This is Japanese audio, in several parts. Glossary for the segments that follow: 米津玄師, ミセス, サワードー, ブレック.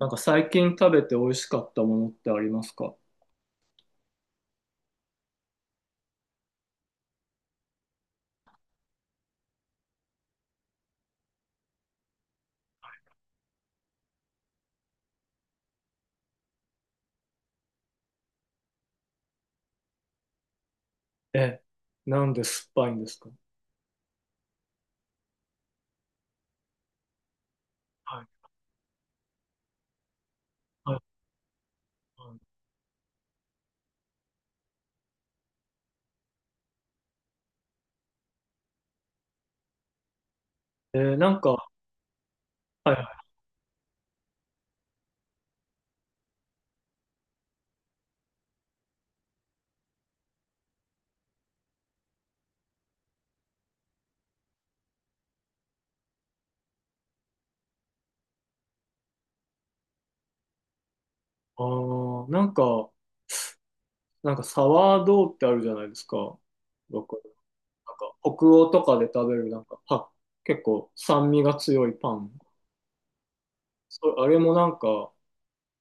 なんか最近食べて美味しかったものってありますか？え、なんで酸っぱいんですか？はい。はい。はい。なんか、はい、はい。あー、なんかサワードーってあるじゃないですか。僕、なんか北欧とかで食べるなんか、は、結構酸味が強いパン。それ、あれもなんか、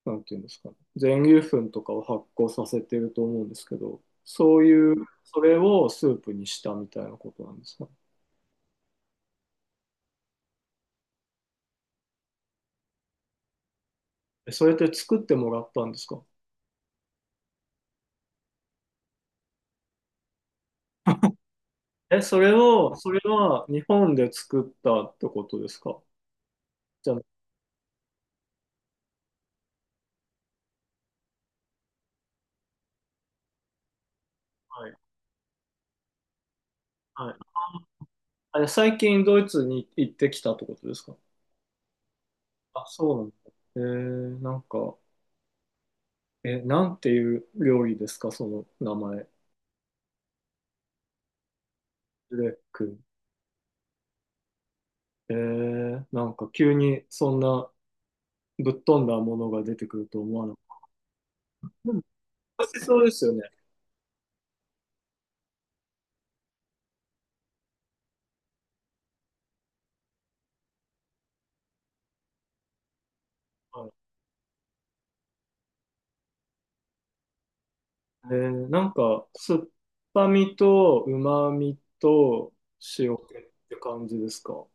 なんていうんですかね。全粒粉とかを発酵させてると思うんですけど、そういう、それをスープにしたみたいなことなんですかね？え、それって作ってもらったんですか？え、それは日本で作ったってことですか？じゃあはい。はい。あれ、で最近ドイツに行ってきたってことですか？あ、そうなんだ。えなんか、え、なんていう料理ですかその名前？ブレック。なんか急にそんなぶっ飛んだものが出てくると思わなかった。でも、美味しそうですよね。はい。なんか、酸っぱみと旨みと塩気って感じですか？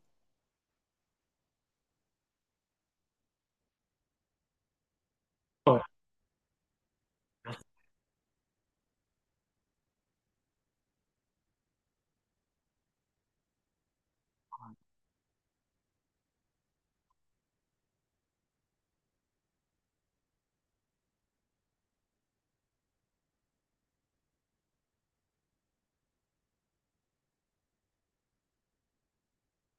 はい。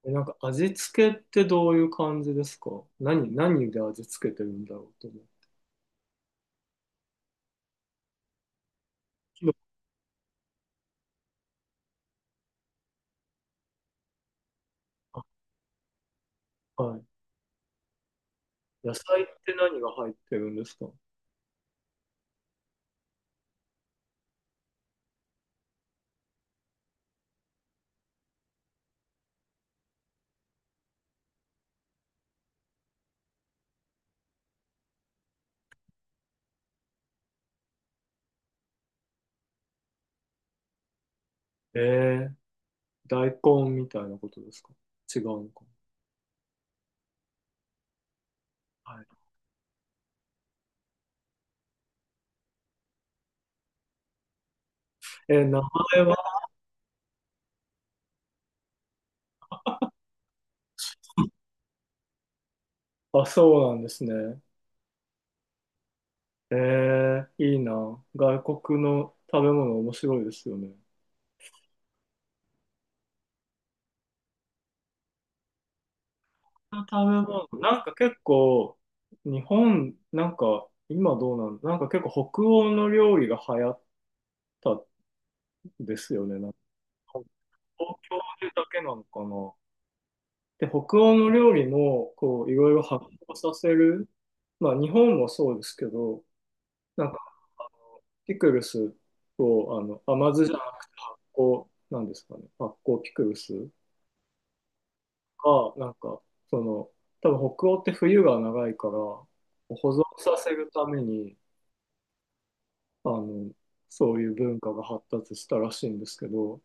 え、なんか味付けってどういう感じですか？何で味付けてるんだろうと思う。キノコあはい。野菜って何が入ってるんですか？えー、大根みたいなことですか？違うのかな？はい。名前は、あ、そうなんですね。いいな。外国の食べ物面白いですよね。食べ物、なんか結構、日本、なんか今どうなん、なんか結構北欧の料理が流行ったんですよね。なんか東京でだけなのかな。で、北欧の料理も、こう、いろいろ発酵させる。まあ、日本もそうですけど、なんか、ピクルスを、甘酢じゃなくて発酵、なんですかね。発酵ピクルスが、なんか、その、多分北欧って冬が長いから、保存させるために、あの、そういう文化が発達したらしいんですけど、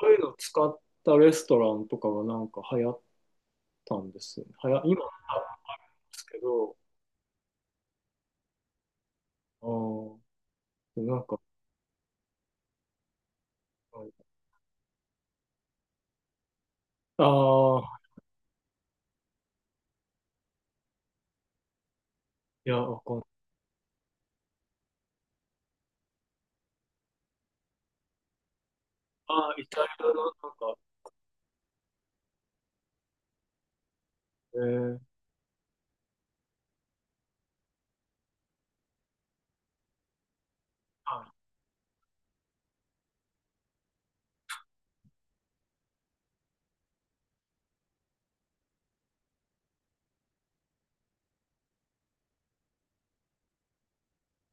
そういうのを使ったレストランとかがなんか流行ったんですよね。今、ですけど、ああなんか、はいああ、いや、わかんないああ、イタリアのなんか、ええは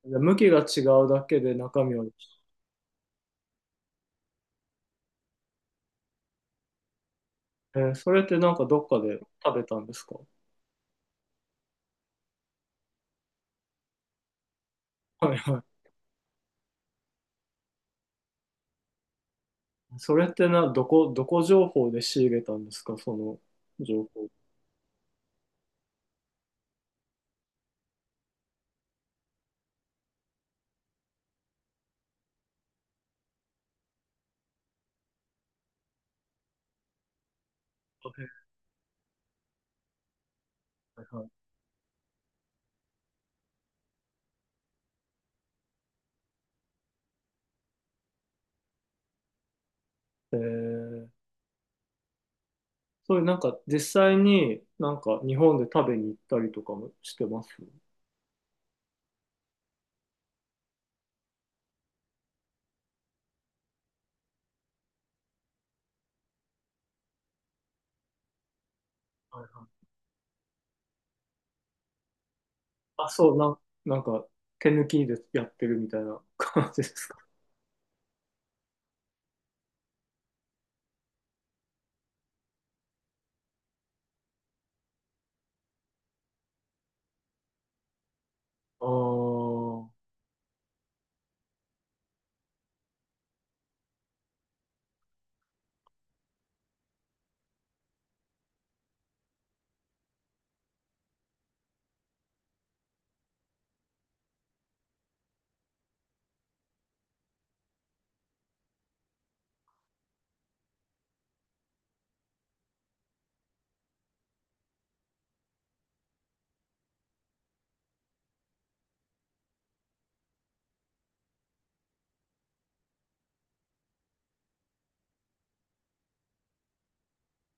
いで向きが違うだけで中身は、それってなんかどっかで食べたんですか？はいはい。それってな、どこ情報で仕入れたんですかその情報？はいはい。えー、そういうなんか実際になんか日本で食べに行ったりとかもしてます？はいはい。あ、そう、なんか手抜きでやってるみたいな感じです？あー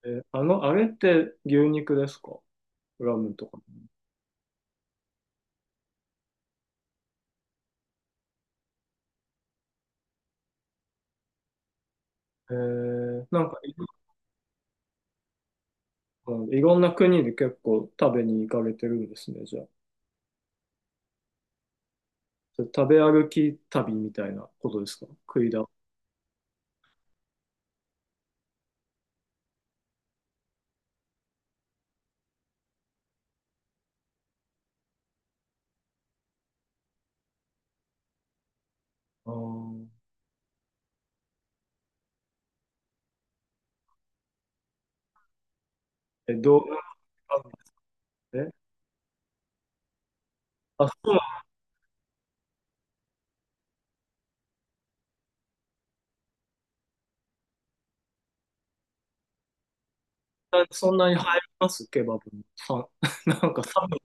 え、あれって牛肉ですか？ラムとか。なんかい、うんいろんな国で結構食べに行かれてるんですね、じゃあ。それ食べ歩き旅みたいなことですか？食いだ。あーえ、どう、え、あ、そうなんだそんなに入りますケバブに。なんか寒い。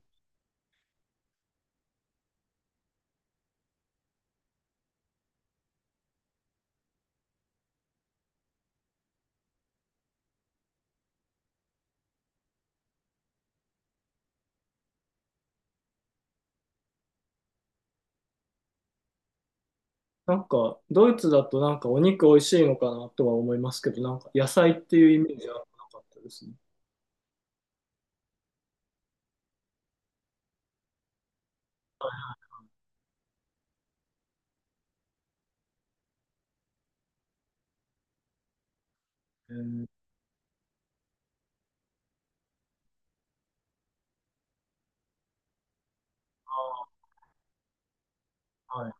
なんか、ドイツだとなんかお肉美味しいのかなとは思いますけど、なんか野菜っていうイメージはなかったですね。えー、あーはい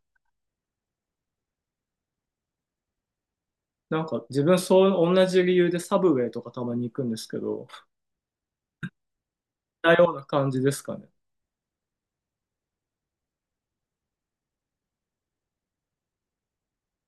なんか自分そう、同じ理由でサブウェイとかたまに行くんですけど、似たような感じですかね。